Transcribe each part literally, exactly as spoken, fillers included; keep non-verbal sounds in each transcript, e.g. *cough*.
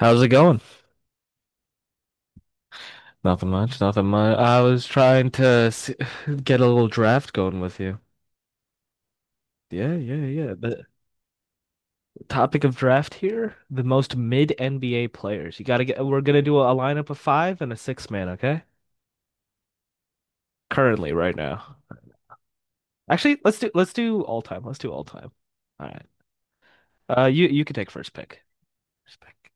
How's it going? Nothing much, nothing much. I was trying to s *sighs* get a little draft going with you. Yeah, yeah, yeah. The topic of draft here, the most mid N B A players. You gotta get, we're gonna do a, lineup of five and a six man, okay? Currently, right now. Actually, let's do let's do all time. Let's do all time. All right. Uh, you you can take first pick. First pick.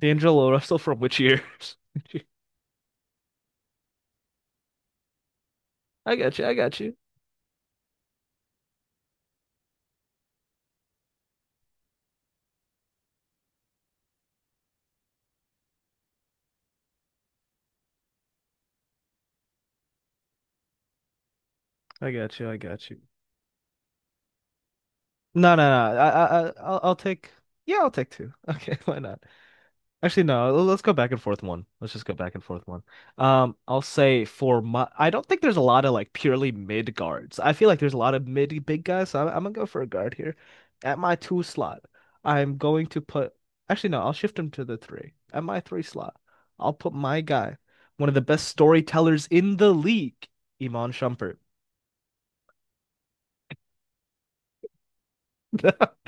D'Angelo Russell from which year? *laughs* I got you. I got you. I got you. I got you. No, no, no. I, I, I- I'll, I'll take. Yeah, I'll take two. *laughs* Okay, why not? Actually, no. l- Let's go back and forth one. Let's just go back and forth one. Um, I'll say for my. I don't think there's a lot of like purely mid guards. I feel like there's a lot of mid big guys. So I'm, I'm gonna go for a guard here. At my two slot, I'm going to put. Actually, no. I'll shift him to the three. At my three slot, I'll put my guy, one of the best storytellers in the league, Iman Shumpert. *laughs*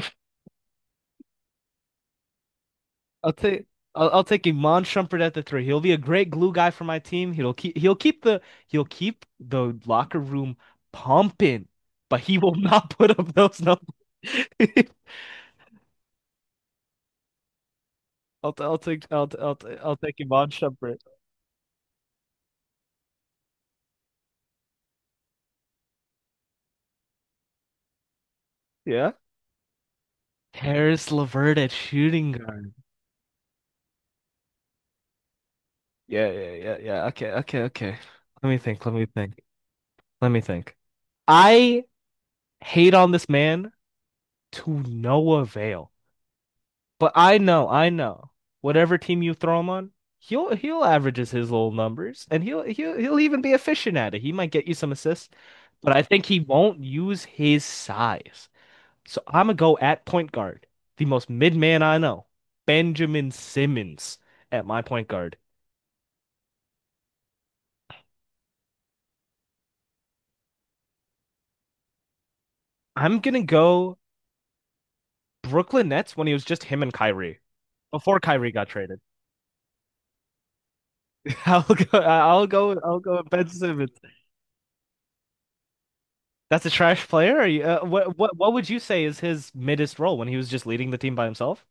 I'll take I'll, I'll take Iman Shumpert at the three. He'll be a great glue guy for my team. He'll keep he'll keep the he'll keep the locker room pumping, but he will *laughs* not put up those numbers. *laughs* I'll I'll take I'll I'll I'll take Iman Shumpert. Yeah. Harris LeVert at shooting guard. Yeah, yeah, yeah, yeah. Okay, okay, okay. Let me think. Let me think. Let me think. I hate on this man to no avail. But I know, I know. Whatever team you throw him on, he'll he'll averages his little numbers, and he'll he'll he'll even be efficient at it. He might get you some assists, but I think he won't use his size. So I'm gonna go at point guard, the most mid man I know, Benjamin Simmons at my point guard. I'm gonna go Brooklyn Nets when he was just him and Kyrie before Kyrie got traded. *laughs* I'll go. I'll go. I'll go with Ben Simmons. That's a trash player. Or you, uh, what what what would you say is his middest role when he was just leading the team by himself?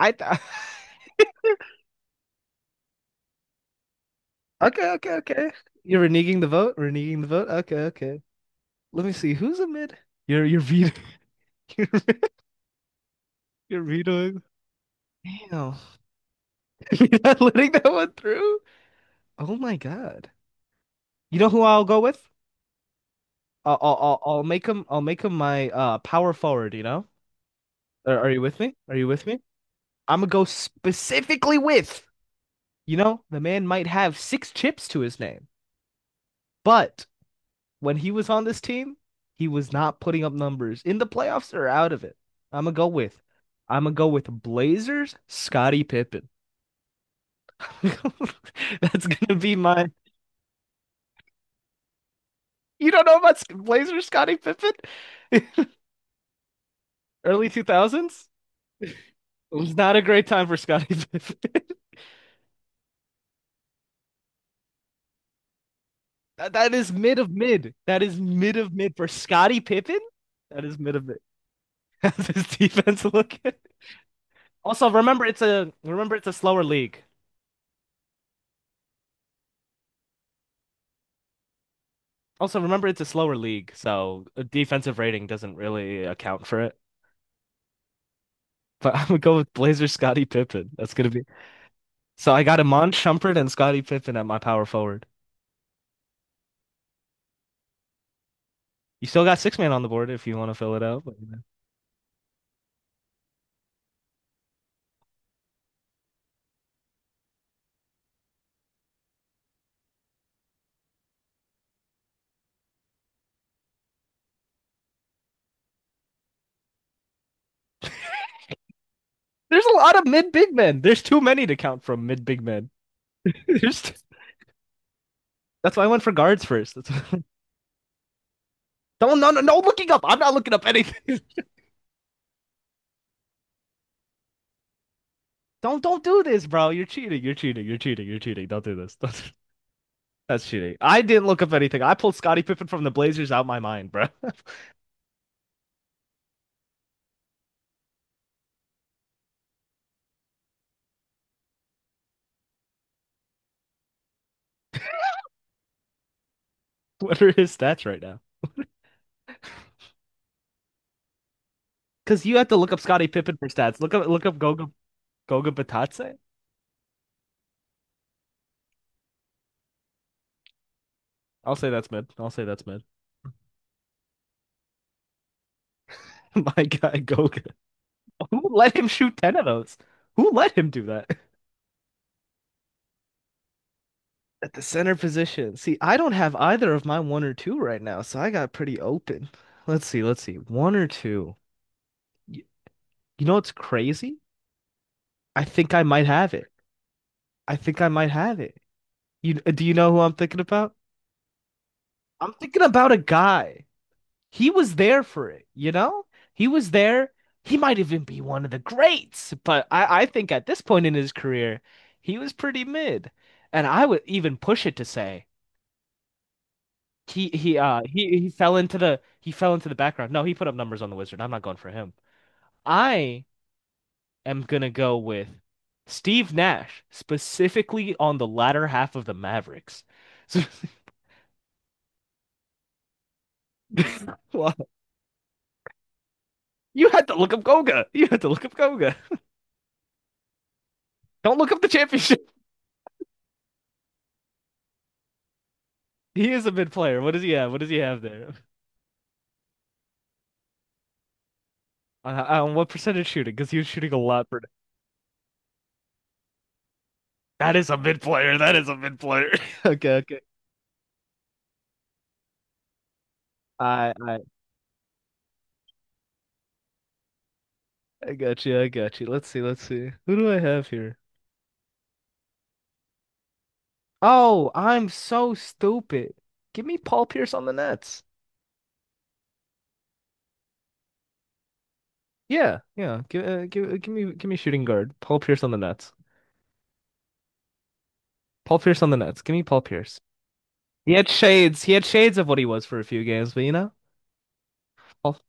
I th *laughs* okay, okay, okay. You're reneging the vote, reneging the vote. Okay, okay. Let me see who's a mid. You're you're vetoing *laughs* you're, you're vetoing. Damn, *laughs* you're not letting that one through. Oh my God. You know who I'll go with? I'll I'll I'll I'll make him I'll make him my uh power forward. You know? Are, are you with me? Are you with me? I'm gonna go specifically with you know, the man might have six chips to his name, but when he was on this team, he was not putting up numbers in the playoffs or out of it. I'm gonna go with, I'm gonna go with Blazers, Scottie Pippen. *laughs* That's gonna be my. You don't know about Blazers, Scottie Pippen? *laughs* Early two thousands? It was not a great time for Scottie Pippen. *laughs* That, that is mid of mid. That is mid of mid for Scottie Pippen. That is mid of mid. *laughs* How's his defense looking? Also, remember it's a remember it's a slower league. Also, remember it's a slower league, so a defensive rating doesn't really account for it. But *laughs* I'm gonna go with Blazer Scottie Pippen. That's gonna be. So I got Iman Shumpert and Scottie Pippen at my power forward. You still got six man on the board if you want to fill it out, but, you know. There's a lot of mid big men. There's too many to count from mid big men. *laughs* There's t- That's why I went for guards first. That's why... *laughs* Don't no no no looking up. I'm not looking up anything. *laughs* Don't don't do this, bro. You're cheating. You're cheating. You're cheating. You're cheating. Don't do this. Don't do that's cheating. I didn't look up anything. I pulled Scottie Pippen from the Blazers out of my mind, bro. *laughs* What are his stats right now? Because you have to look up Scottie Pippen for stats. Look up look up Goga Goga Batatse. I'll say that's mid. I'll say that's mid. *laughs* My guy Goga. Who let him shoot ten of those? Who let him do that? At the center position. See, I don't have either of my one or two right now, so I got pretty open. Let's see, let's see. One or two. Y- You know what's crazy? I think I might have it. I think I might have it. You do you know who I'm thinking about? I'm thinking about a guy. He was there for it, you know? He was there. He might even be one of the greats, but I, I think at this point in his career, he was pretty mid. And I would even push it to say he he uh he, he fell into the he fell into the background. No, he put up numbers on the Wizard. I'm not going for him. I am gonna go with Steve Nash, specifically on the latter half of the Mavericks. *laughs* So, *laughs* well, you had to look up Goga. you had to look up Goga. Don't look up the championship. *laughs* He is a mid player. What does he have? What does he have there? On, on what percentage shooting? Because he was shooting a lot. Per... That is a mid player. That is a mid player. *laughs* Okay, okay. I, I, I got you. I got you. Let's see. Let's see. Who do I have here? Oh, I'm so stupid. Give me Paul Pierce on the Nets. Yeah, yeah. Give, uh, give, uh, give me, give me shooting guard. Paul Pierce on the Nets. Paul Pierce on the Nets. Give me Paul Pierce. He had shades. He had shades of what he was for a few games, but you know, Paul,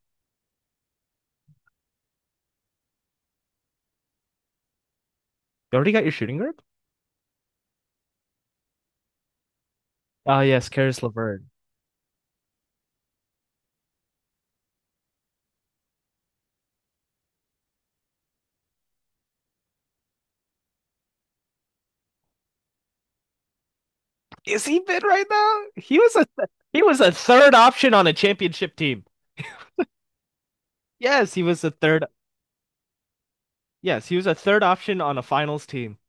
you already got your shooting guard. Oh yes, Caris LeVert. Is he fit right now? He was a th- he was a third option on a championship team. Yes, he was a third. Yes, he was a third option on a finals team.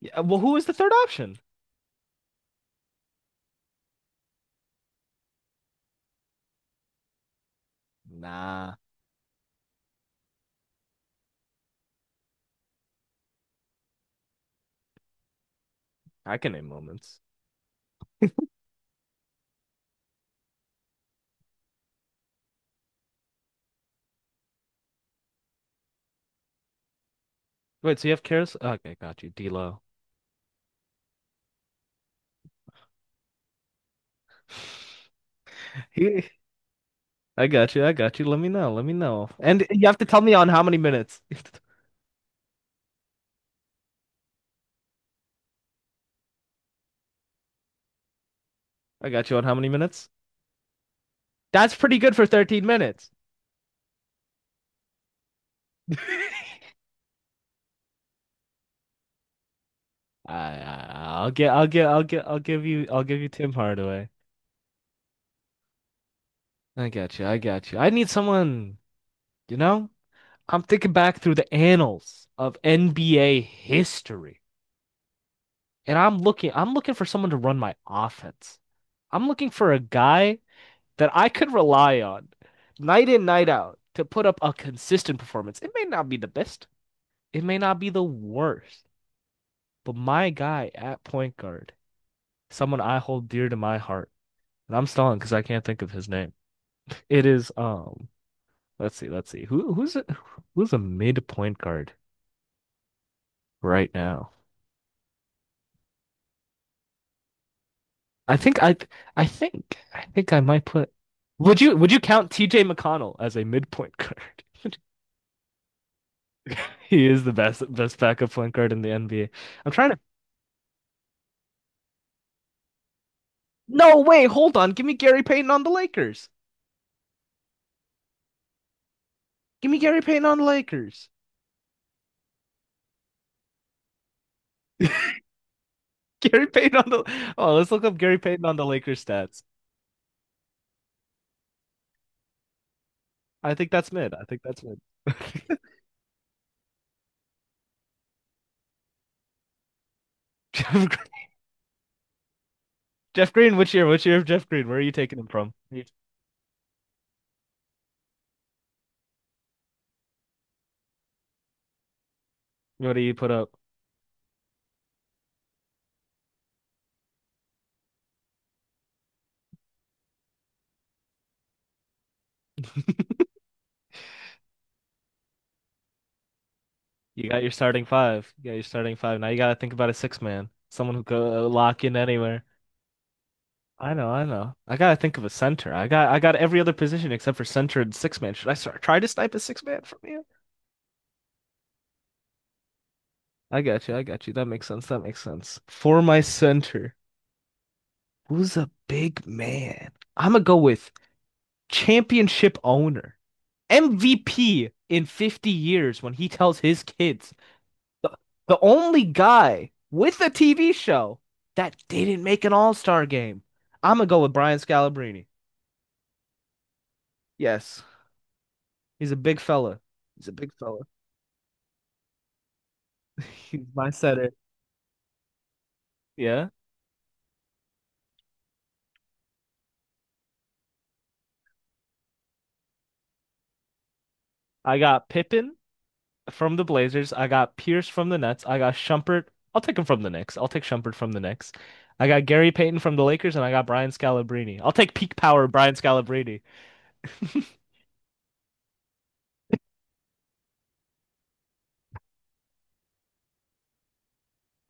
Yeah, well, who was the third option? Nah, I can name moments. Wait, so you have Karis? Okay, got you, D'Lo. *laughs* He- I got you. I got you. Let me know. Let me know. And you have to tell me on how many minutes. *laughs* I got you on how many minutes? That's pretty good for thirteen minutes. *laughs* I, I I'll get I'll get I'll get I'll give you I'll give you Tim Hardaway. I got you. I got you. I need someone, you know? I'm thinking back through the annals of N B A history, and I'm looking I'm looking for someone to run my offense. I'm looking for a guy that I could rely on night in, night out to put up a consistent performance. It may not be the best, it may not be the worst, but my guy at point guard, someone I hold dear to my heart, and I'm stalling because I can't think of his name. It is um Let's see, let's see. Who who's a, who's a mid point guard right now? I think I I think I think I might put Would you would you count T J McConnell as a mid point guard? *laughs* He is the best best backup point guard in the N B A. I'm trying to no, way. Hold on. Give me Gary Payton on the Lakers. Give me Gary Payton on the Lakers. *laughs* Gary Payton on the Oh, let's look up Gary Payton on the Lakers stats. I think that's mid. I think that's mid. *laughs* Jeff Jeff Green, which year? Which year of Jeff Green? Where are you taking him from? What do you put up? You got your starting five. You got your starting five. Now you gotta think about a six man. Someone who go lock in anywhere. I know, I know. I gotta think of a center. I got I got every other position except for center and six man. Should I start try to snipe a six man from you? I got you, I got you. That makes sense. That makes sense. For my center, who's a big man? I'm gonna go with championship owner. M V P in fifty years when he tells his kids The, the only guy with a T V show that didn't make an All Star game. I'm gonna go with Brian Scalabrine. Yes, he's a big fella. He's a big fella. *laughs* He's my setter. Yeah, I got Pippen from the Blazers. I got Pierce from the Nets. I got Shumpert. I'll take him from the Knicks. I'll take Shumpert from the Knicks. I got Gary Payton from the Lakers, and I got Brian Scalabrine. I'll take peak power Brian Scalabrine.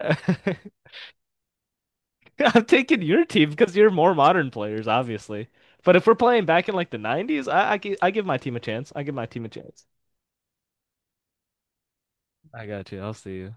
*laughs* *laughs* I'm taking your team because you're more modern players, obviously. But if we're playing back in like the nineties, I, I, gi- I give my team a chance. I give my team a chance. I got you. I'll see you.